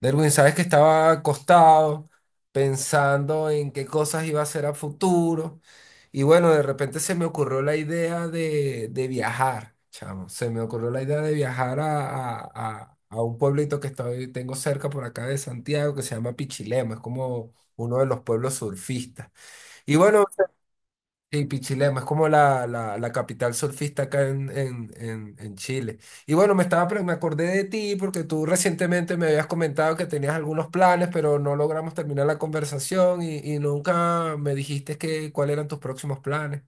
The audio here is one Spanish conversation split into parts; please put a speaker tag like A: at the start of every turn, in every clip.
A: Derwin, sabes que estaba acostado pensando en qué cosas iba a hacer a futuro. Y bueno, de repente se me ocurrió la idea de viajar, chamo. Se me ocurrió la idea de viajar a un pueblito que estoy, tengo cerca por acá de Santiago que se llama Pichilemu. Es como uno de los pueblos surfistas. Y bueno, sí, Pichilemu, es como la, la capital surfista acá en Chile. Y bueno, me acordé de ti porque tú recientemente me habías comentado que tenías algunos planes, pero no logramos terminar la conversación y nunca me dijiste que, cuáles eran tus próximos planes.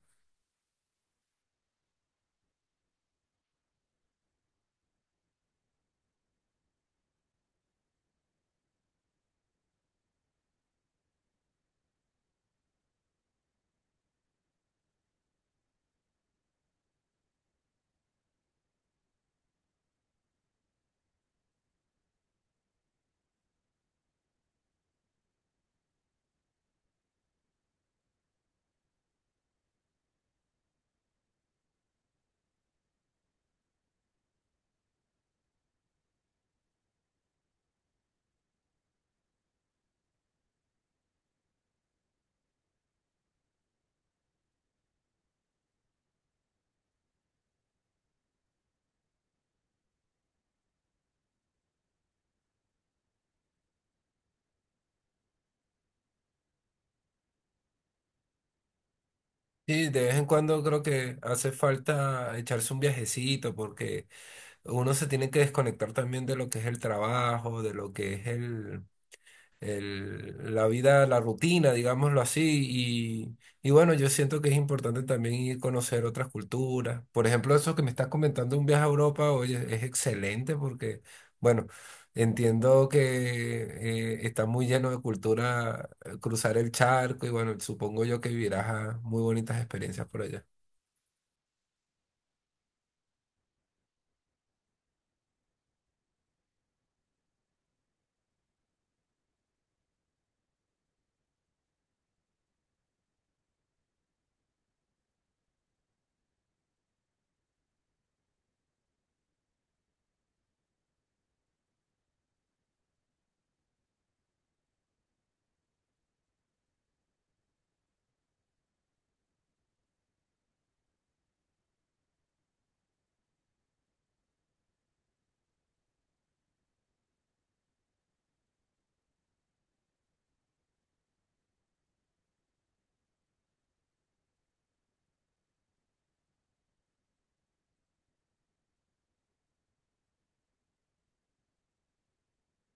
A: Sí, de vez en cuando creo que hace falta echarse un viajecito porque uno se tiene que desconectar también de lo que es el trabajo, de lo que es la vida, la rutina, digámoslo así. Y, y bueno, yo siento que es importante también ir a conocer otras culturas. Por ejemplo, eso que me estás comentando, un viaje a Europa, oye, es excelente porque, bueno, entiendo que está muy lleno de cultura, cruzar el charco y bueno, supongo yo que vivirás a muy bonitas experiencias por allá.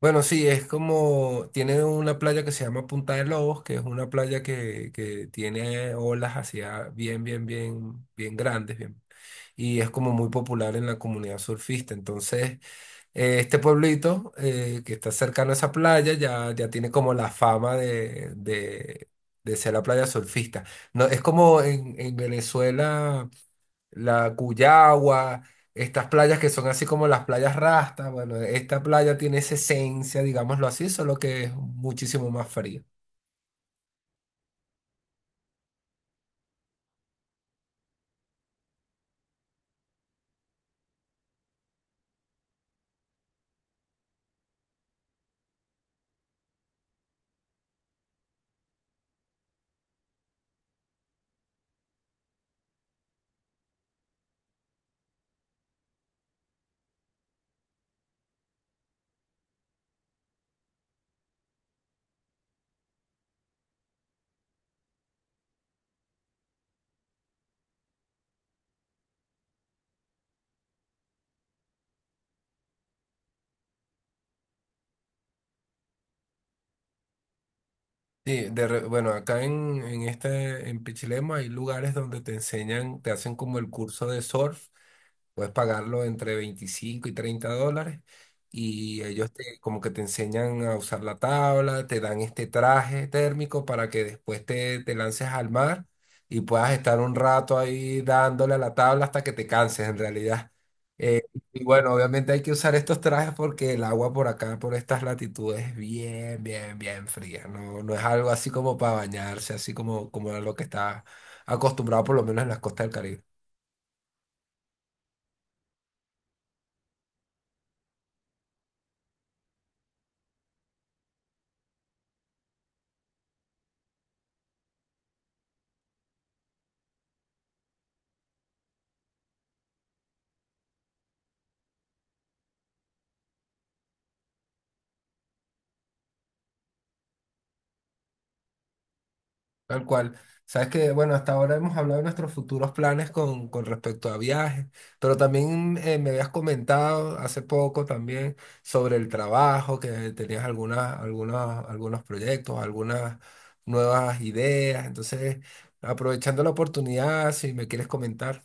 A: Bueno, sí, es como, tiene una playa que se llama Punta de Lobos, que es una playa que tiene olas hacia bien, bien, bien, bien grandes, bien, y es como muy popular en la comunidad surfista. Entonces, este pueblito, que está cercano a esa playa, ya tiene como la fama de ser la playa surfista. No, es como en Venezuela la Cuyagua, estas playas que son así como las playas Rasta. Bueno, esta playa tiene esa esencia, digámoslo así, solo que es muchísimo más fría. Sí, bueno, acá en Pichilemu hay lugares donde te enseñan, te hacen como el curso de surf, puedes pagarlo entre 25 y 30 dólares, y ellos te, como que te enseñan a usar la tabla, te dan este traje térmico para que después te lances al mar y puedas estar un rato ahí dándole a la tabla hasta que te canses en realidad. Y bueno, obviamente hay que usar estos trajes porque el agua por acá, por estas latitudes, es bien, bien, bien fría. No, no es algo así como para bañarse, así como a lo que está acostumbrado, por lo menos en las costas del Caribe. Tal cual. Sabes que, bueno, hasta ahora hemos hablado de nuestros futuros planes con respecto a viajes, pero también, me habías comentado hace poco también sobre el trabajo, que tenías algunos proyectos, algunas nuevas ideas. Entonces, aprovechando la oportunidad, si me quieres comentar.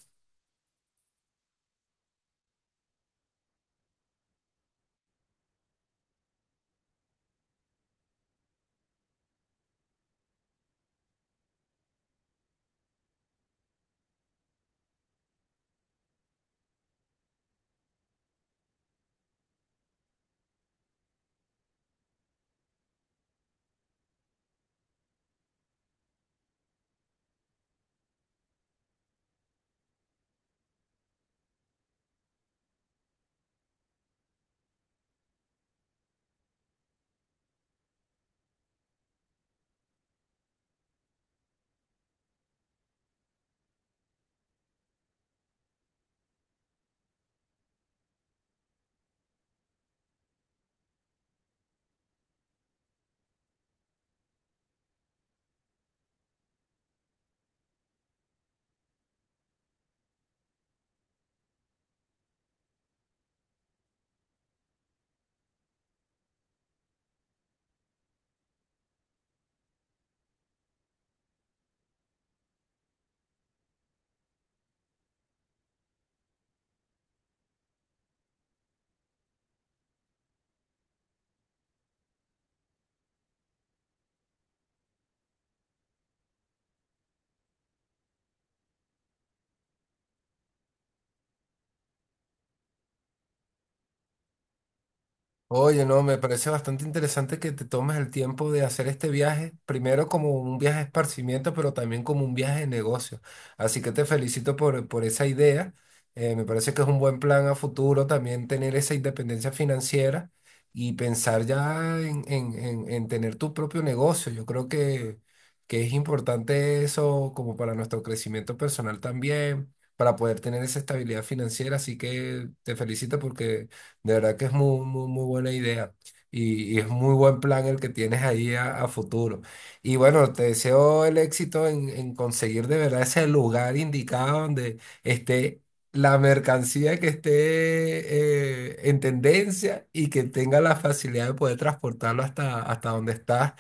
A: Oye, no, me parece bastante interesante que te tomes el tiempo de hacer este viaje, primero como un viaje de esparcimiento, pero también como un viaje de negocio. Así que te felicito por esa idea. Me parece que es un buen plan a futuro también tener esa independencia financiera y pensar ya en tener tu propio negocio. Yo creo que es importante eso como para nuestro crecimiento personal también, para poder tener esa estabilidad financiera. Así que te felicito porque de verdad que es muy, muy, muy buena idea. Y es muy buen plan el que tienes ahí a futuro. Y bueno, te deseo el éxito en conseguir de verdad ese lugar indicado donde esté la mercancía, que esté, en tendencia y que tenga la facilidad de poder transportarlo hasta donde estás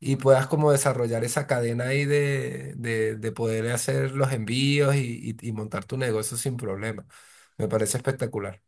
A: y puedas como desarrollar esa cadena ahí de poder hacer los envíos y montar tu negocio sin problema. Me parece espectacular.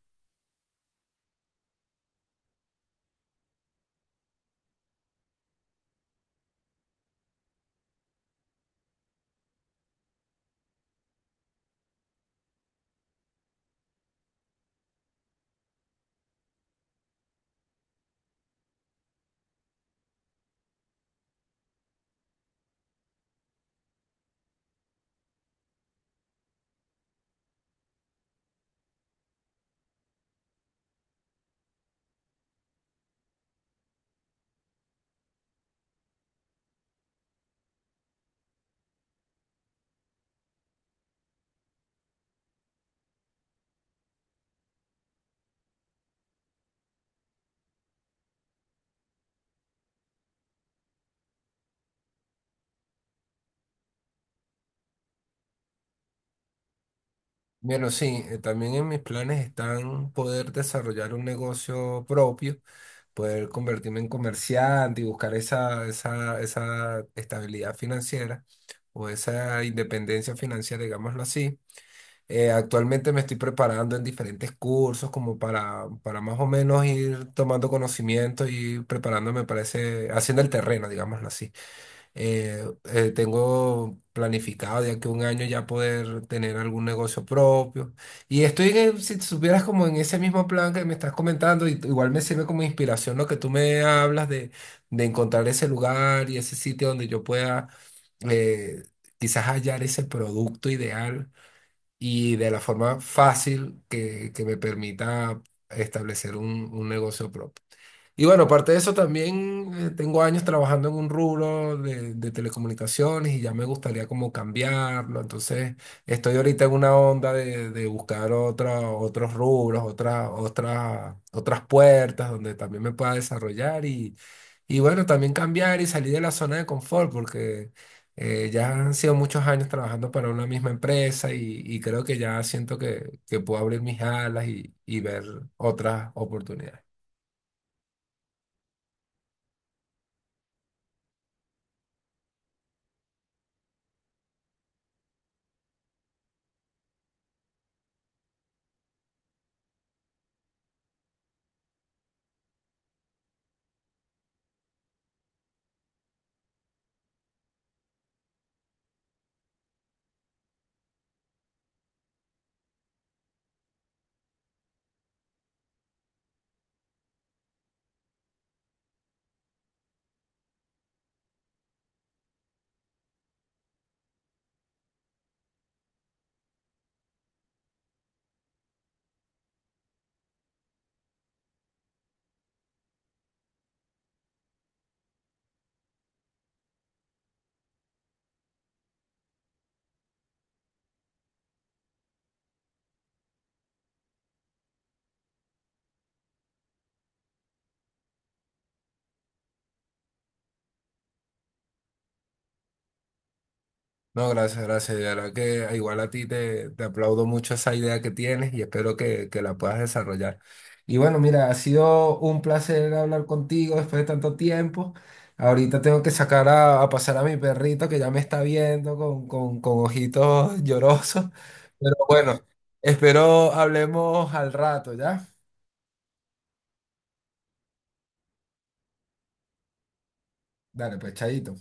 A: Bueno, sí, también en mis planes están poder desarrollar un negocio propio, poder convertirme en comerciante y buscar esa estabilidad financiera o esa independencia financiera, digámoslo así. Actualmente me estoy preparando en diferentes cursos como para más o menos ir tomando conocimiento y preparándome para ese, haciendo el terreno, digámoslo así. Eh, tengo planificado de aquí a un año ya poder tener algún negocio propio. Y estoy, si supieras, como en ese mismo plan que me estás comentando, y igual me sirve como inspiración lo que tú me hablas de encontrar ese lugar y ese sitio donde yo pueda, eh, quizás hallar ese producto ideal y de la forma fácil que me permita establecer un negocio propio. Y bueno, aparte de eso también, tengo años trabajando en un rubro de telecomunicaciones y ya me gustaría como cambiarlo. Entonces estoy ahorita en una onda de buscar otros rubros, otras puertas donde también me pueda desarrollar y bueno, también cambiar y salir de la zona de confort porque, ya han sido muchos años trabajando para una misma empresa y creo que ya siento que puedo abrir mis alas y ver otras oportunidades. No, gracias, gracias. De verdad que igual a ti te aplaudo mucho esa idea que tienes y espero que la puedas desarrollar. Y bueno, mira, ha sido un placer hablar contigo después de tanto tiempo. Ahorita tengo que sacar a pasar a mi perrito que ya me está viendo con ojitos llorosos. Pero bueno, espero hablemos al rato, ¿ya? Dale, pues, chaito.